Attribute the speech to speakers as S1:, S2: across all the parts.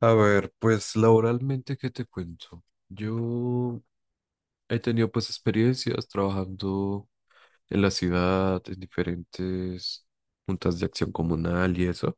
S1: A ver, pues laboralmente, ¿qué te cuento? Yo he tenido pues experiencias trabajando en la ciudad, en diferentes juntas de acción comunal y eso,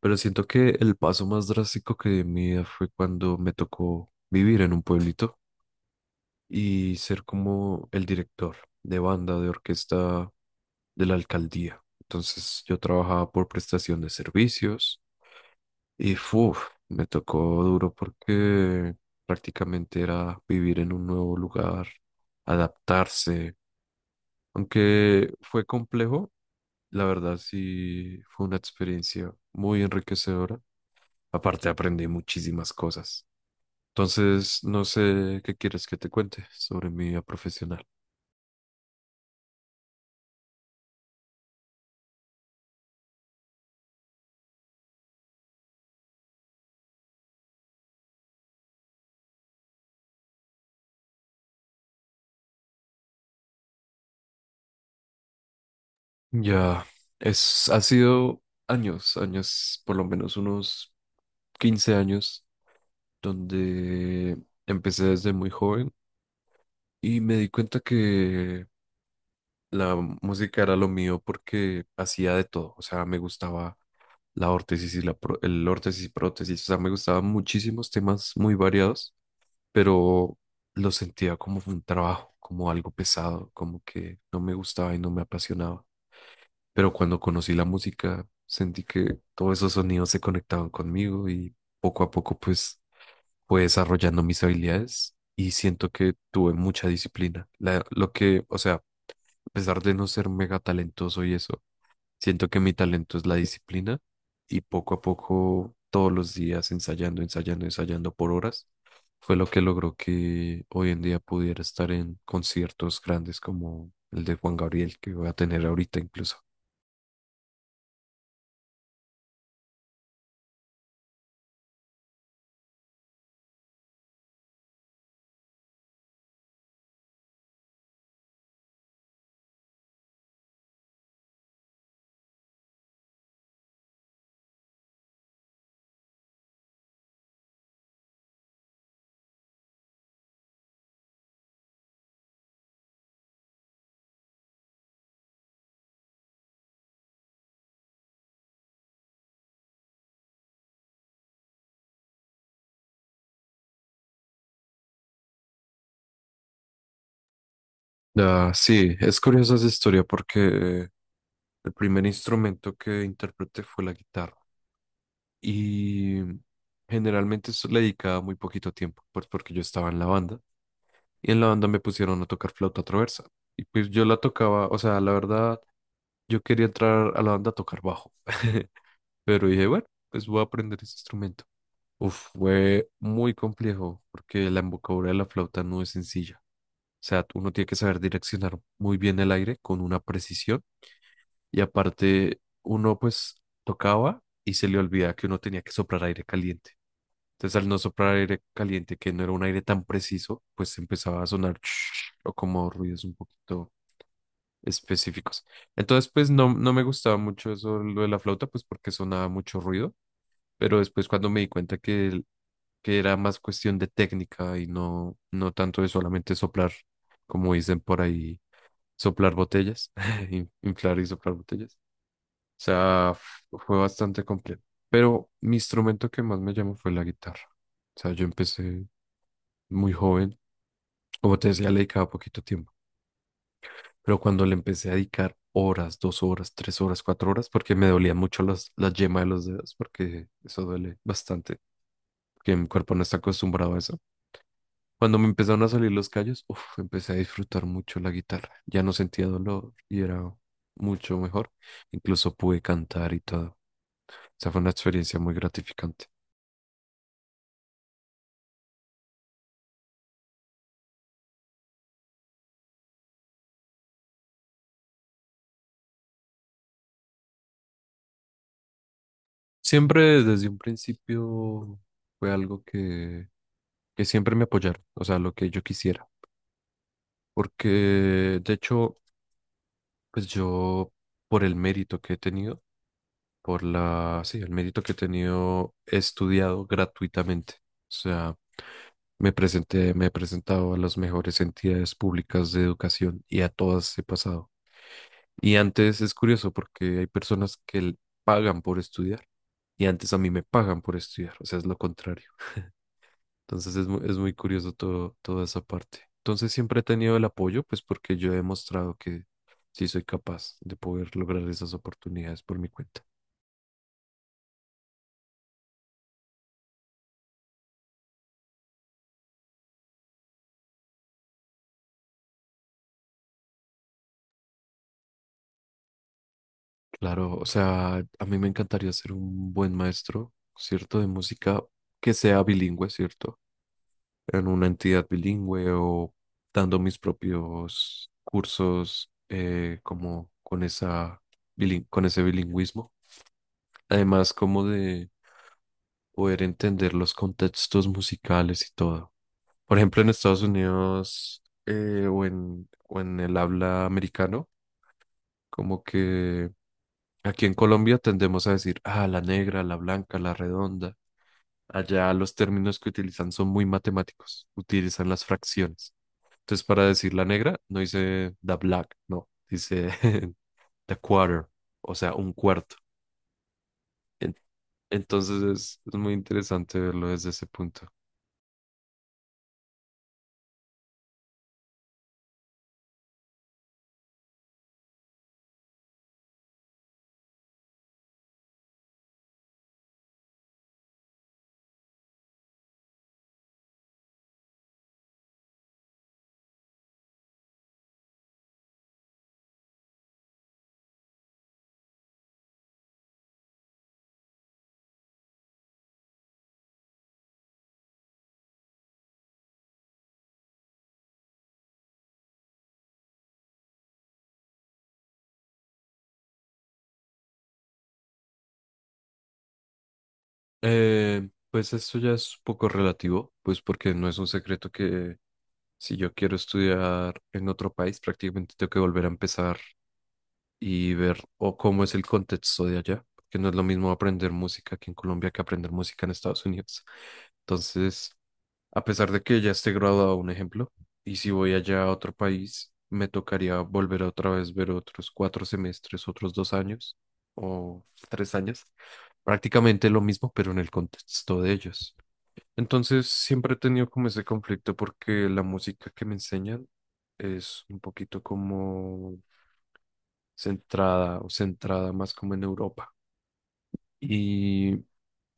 S1: pero siento que el paso más drástico que di en mi vida fue cuando me tocó vivir en un pueblito y ser como el director de banda, de orquesta de la alcaldía. Entonces yo trabajaba por prestación de servicios. Y uf, me tocó duro porque prácticamente era vivir en un nuevo lugar, adaptarse. Aunque fue complejo, la verdad sí fue una experiencia muy enriquecedora. Aparte aprendí muchísimas cosas. Entonces, no sé qué quieres que te cuente sobre mi vida profesional. Ya, ha sido años, años, por lo menos unos 15 años, donde empecé desde muy joven. Y me di cuenta que la música era lo mío porque hacía de todo. O sea, me gustaba la órtesis y el órtesis y prótesis. O sea, me gustaban muchísimos temas muy variados, pero lo sentía como un trabajo, como algo pesado, como que no me gustaba y no me apasionaba. Pero cuando conocí la música, sentí que todos esos sonidos se conectaban conmigo y poco a poco pues fue desarrollando mis habilidades y siento que tuve mucha disciplina. Lo que, o sea, a pesar de no ser mega talentoso y eso, siento que mi talento es la disciplina y poco a poco, todos los días ensayando, ensayando, ensayando por horas, fue lo que logró que hoy en día pudiera estar en conciertos grandes como el de Juan Gabriel que voy a tener ahorita incluso. Ah, sí, es curiosa esa historia porque eh, el primer instrumento que interpreté fue la guitarra y generalmente eso le dedicaba muy poquito tiempo, pues porque yo estaba en la banda. Y en la banda me pusieron a tocar flauta traversa. Y pues yo la tocaba, o sea, la verdad, yo quería entrar a la banda a tocar bajo, pero dije, bueno, pues voy a aprender ese instrumento. Uf, fue muy complejo porque la embocadura de la flauta no es sencilla. O sea, uno tiene que saber direccionar muy bien el aire con una precisión y aparte uno pues tocaba y se le olvidaba que uno tenía que soplar aire caliente. Entonces, al no soplar aire caliente, que no era un aire tan preciso, pues empezaba a sonar o como ruidos un poquito específicos. Entonces, pues no, no me gustaba mucho eso, lo de la flauta, pues porque sonaba mucho ruido, pero después cuando me di cuenta que, que era más cuestión de técnica y no, no tanto de solamente soplar, como dicen por ahí, soplar botellas, inflar y soplar botellas. O sea, fue bastante complejo. Pero mi instrumento que más me llamó fue la guitarra. O sea, yo empecé muy joven. Como te decía, le dedicaba poquito tiempo. Pero cuando le empecé a dedicar horas, 2 horas, 3 horas, 4 horas, porque me dolía mucho las, la yema de los dedos, porque eso duele bastante, que mi cuerpo no está acostumbrado a eso. Cuando me empezaron a salir los callos, uf, empecé a disfrutar mucho la guitarra. Ya no sentía dolor y era mucho mejor. Incluso pude cantar y todo. O sea, fue una experiencia muy gratificante. Siempre desde un principio fue algo que siempre me apoyaron, o sea, lo que yo quisiera. Porque, de hecho, pues yo, por el mérito que he tenido, por la, sí, el mérito que he tenido, he estudiado gratuitamente. O sea, me presenté, me he presentado a las mejores entidades públicas de educación y a todas he pasado. Y antes es curioso porque hay personas que pagan por estudiar y antes a mí me pagan por estudiar. O sea, es lo contrario. Entonces es muy curioso todo, toda esa parte. Entonces siempre he tenido el apoyo, pues porque yo he demostrado que sí soy capaz de poder lograr esas oportunidades por mi cuenta. Claro, o sea, a mí me encantaría ser un buen maestro, ¿cierto? De música que sea bilingüe, ¿cierto? En una entidad bilingüe o dando mis propios cursos como con esa, con ese bilingüismo. Además, como de poder entender los contextos musicales y todo. Por ejemplo, en Estados Unidos o en, el habla americano, como que aquí en Colombia tendemos a decir, ah, la negra, la blanca, la redonda. Allá los términos que utilizan son muy matemáticos, utilizan las fracciones. Entonces, para decir la negra, no dice the black, no, dice the quarter, o sea, un cuarto. En- Entonces es muy interesante verlo desde ese punto. Pues esto ya es un poco relativo, pues porque no es un secreto que si yo quiero estudiar en otro país, prácticamente tengo que volver a empezar y ver o cómo es el contexto de allá, porque no es lo mismo aprender música aquí en Colombia que aprender música en Estados Unidos. Entonces, a pesar de que ya esté graduado, un ejemplo, y si voy allá a otro país, me tocaría volver otra vez ver otros 4 semestres, otros 2 años o 3 años, prácticamente lo mismo, pero en el contexto de ellos. Entonces siempre he tenido como ese conflicto porque la música que me enseñan es un poquito como centrada o centrada más como en Europa. Y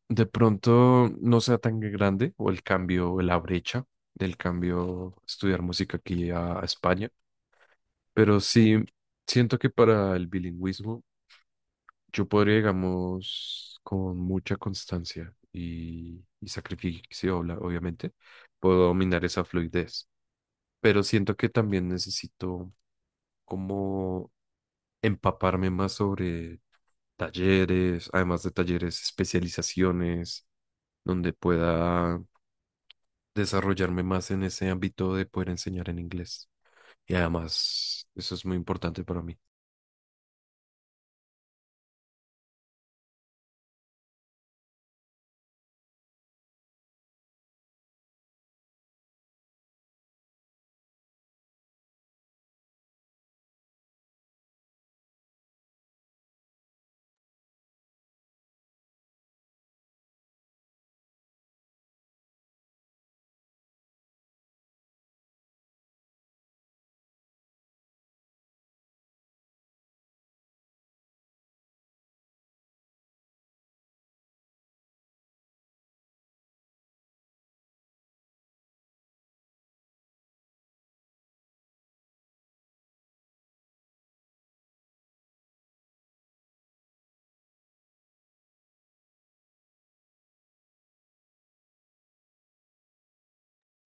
S1: de pronto no sea tan grande o el cambio, o la brecha del cambio estudiar música aquí a España, pero sí siento que para el bilingüismo yo podría, digamos, con mucha constancia y sacrificio, obviamente, puedo dominar esa fluidez. Pero siento que también necesito como empaparme más sobre talleres, además de talleres, especializaciones, donde pueda desarrollarme más en ese ámbito de poder enseñar en inglés. Y además, eso es muy importante para mí.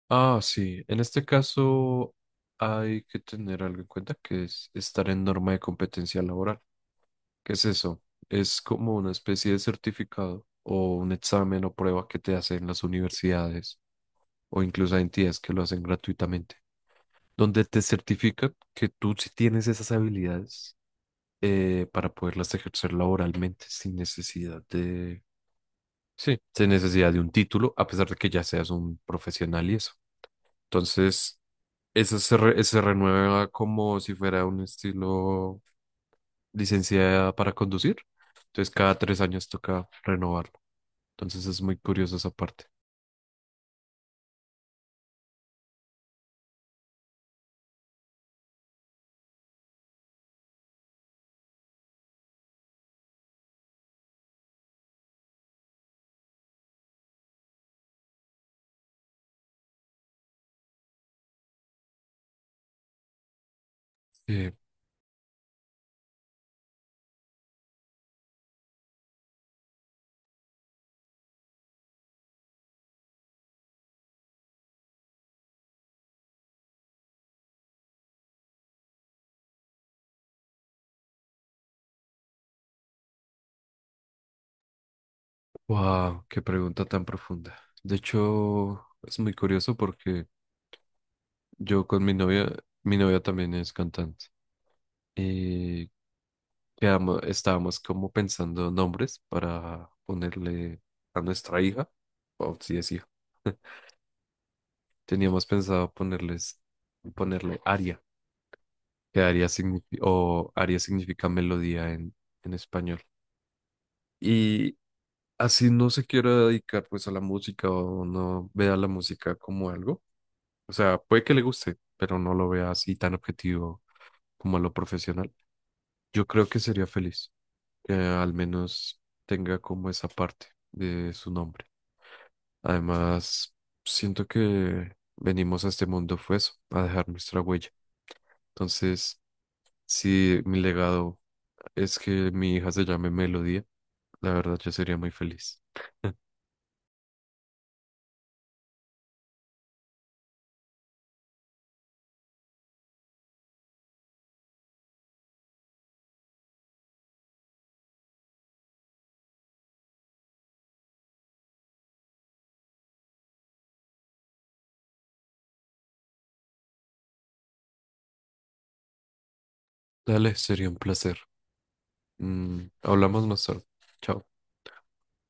S1: Ah, sí, en este caso hay que tener algo en cuenta que es estar en norma de competencia laboral. ¿Qué es eso? Es como una especie de certificado o un examen o prueba que te hacen las universidades o incluso hay entidades que lo hacen gratuitamente, donde te certifican que tú sí tienes esas habilidades para poderlas ejercer laboralmente sin necesidad de, sí, sin necesidad de un título, a pesar de que ya seas un profesional y eso. Entonces, eso se renueva como si fuera un estilo licenciada para conducir. Entonces, cada 3 años toca renovarlo. Entonces, es muy curioso esa parte. Sí, wow, qué pregunta tan profunda. De hecho, es muy curioso porque yo con mi novia también es cantante. Y quedamos, estábamos como pensando nombres para ponerle a nuestra hija, o si es hija. Teníamos pensado ponerles, ponerle aria, que aria significa, o aria significa melodía en español. Y así no se quiera dedicar pues a la música o no vea la música como algo. O sea, puede que le guste, pero no lo vea así tan objetivo como a lo profesional. Yo creo que sería feliz que al menos tenga como esa parte de su nombre. Además, siento que venimos a este mundo fue eso, a dejar nuestra huella. Entonces, si mi legado es que mi hija se llame Melodía, la verdad yo sería muy feliz. Dale, sería un placer. Hablamos más tarde. Chao.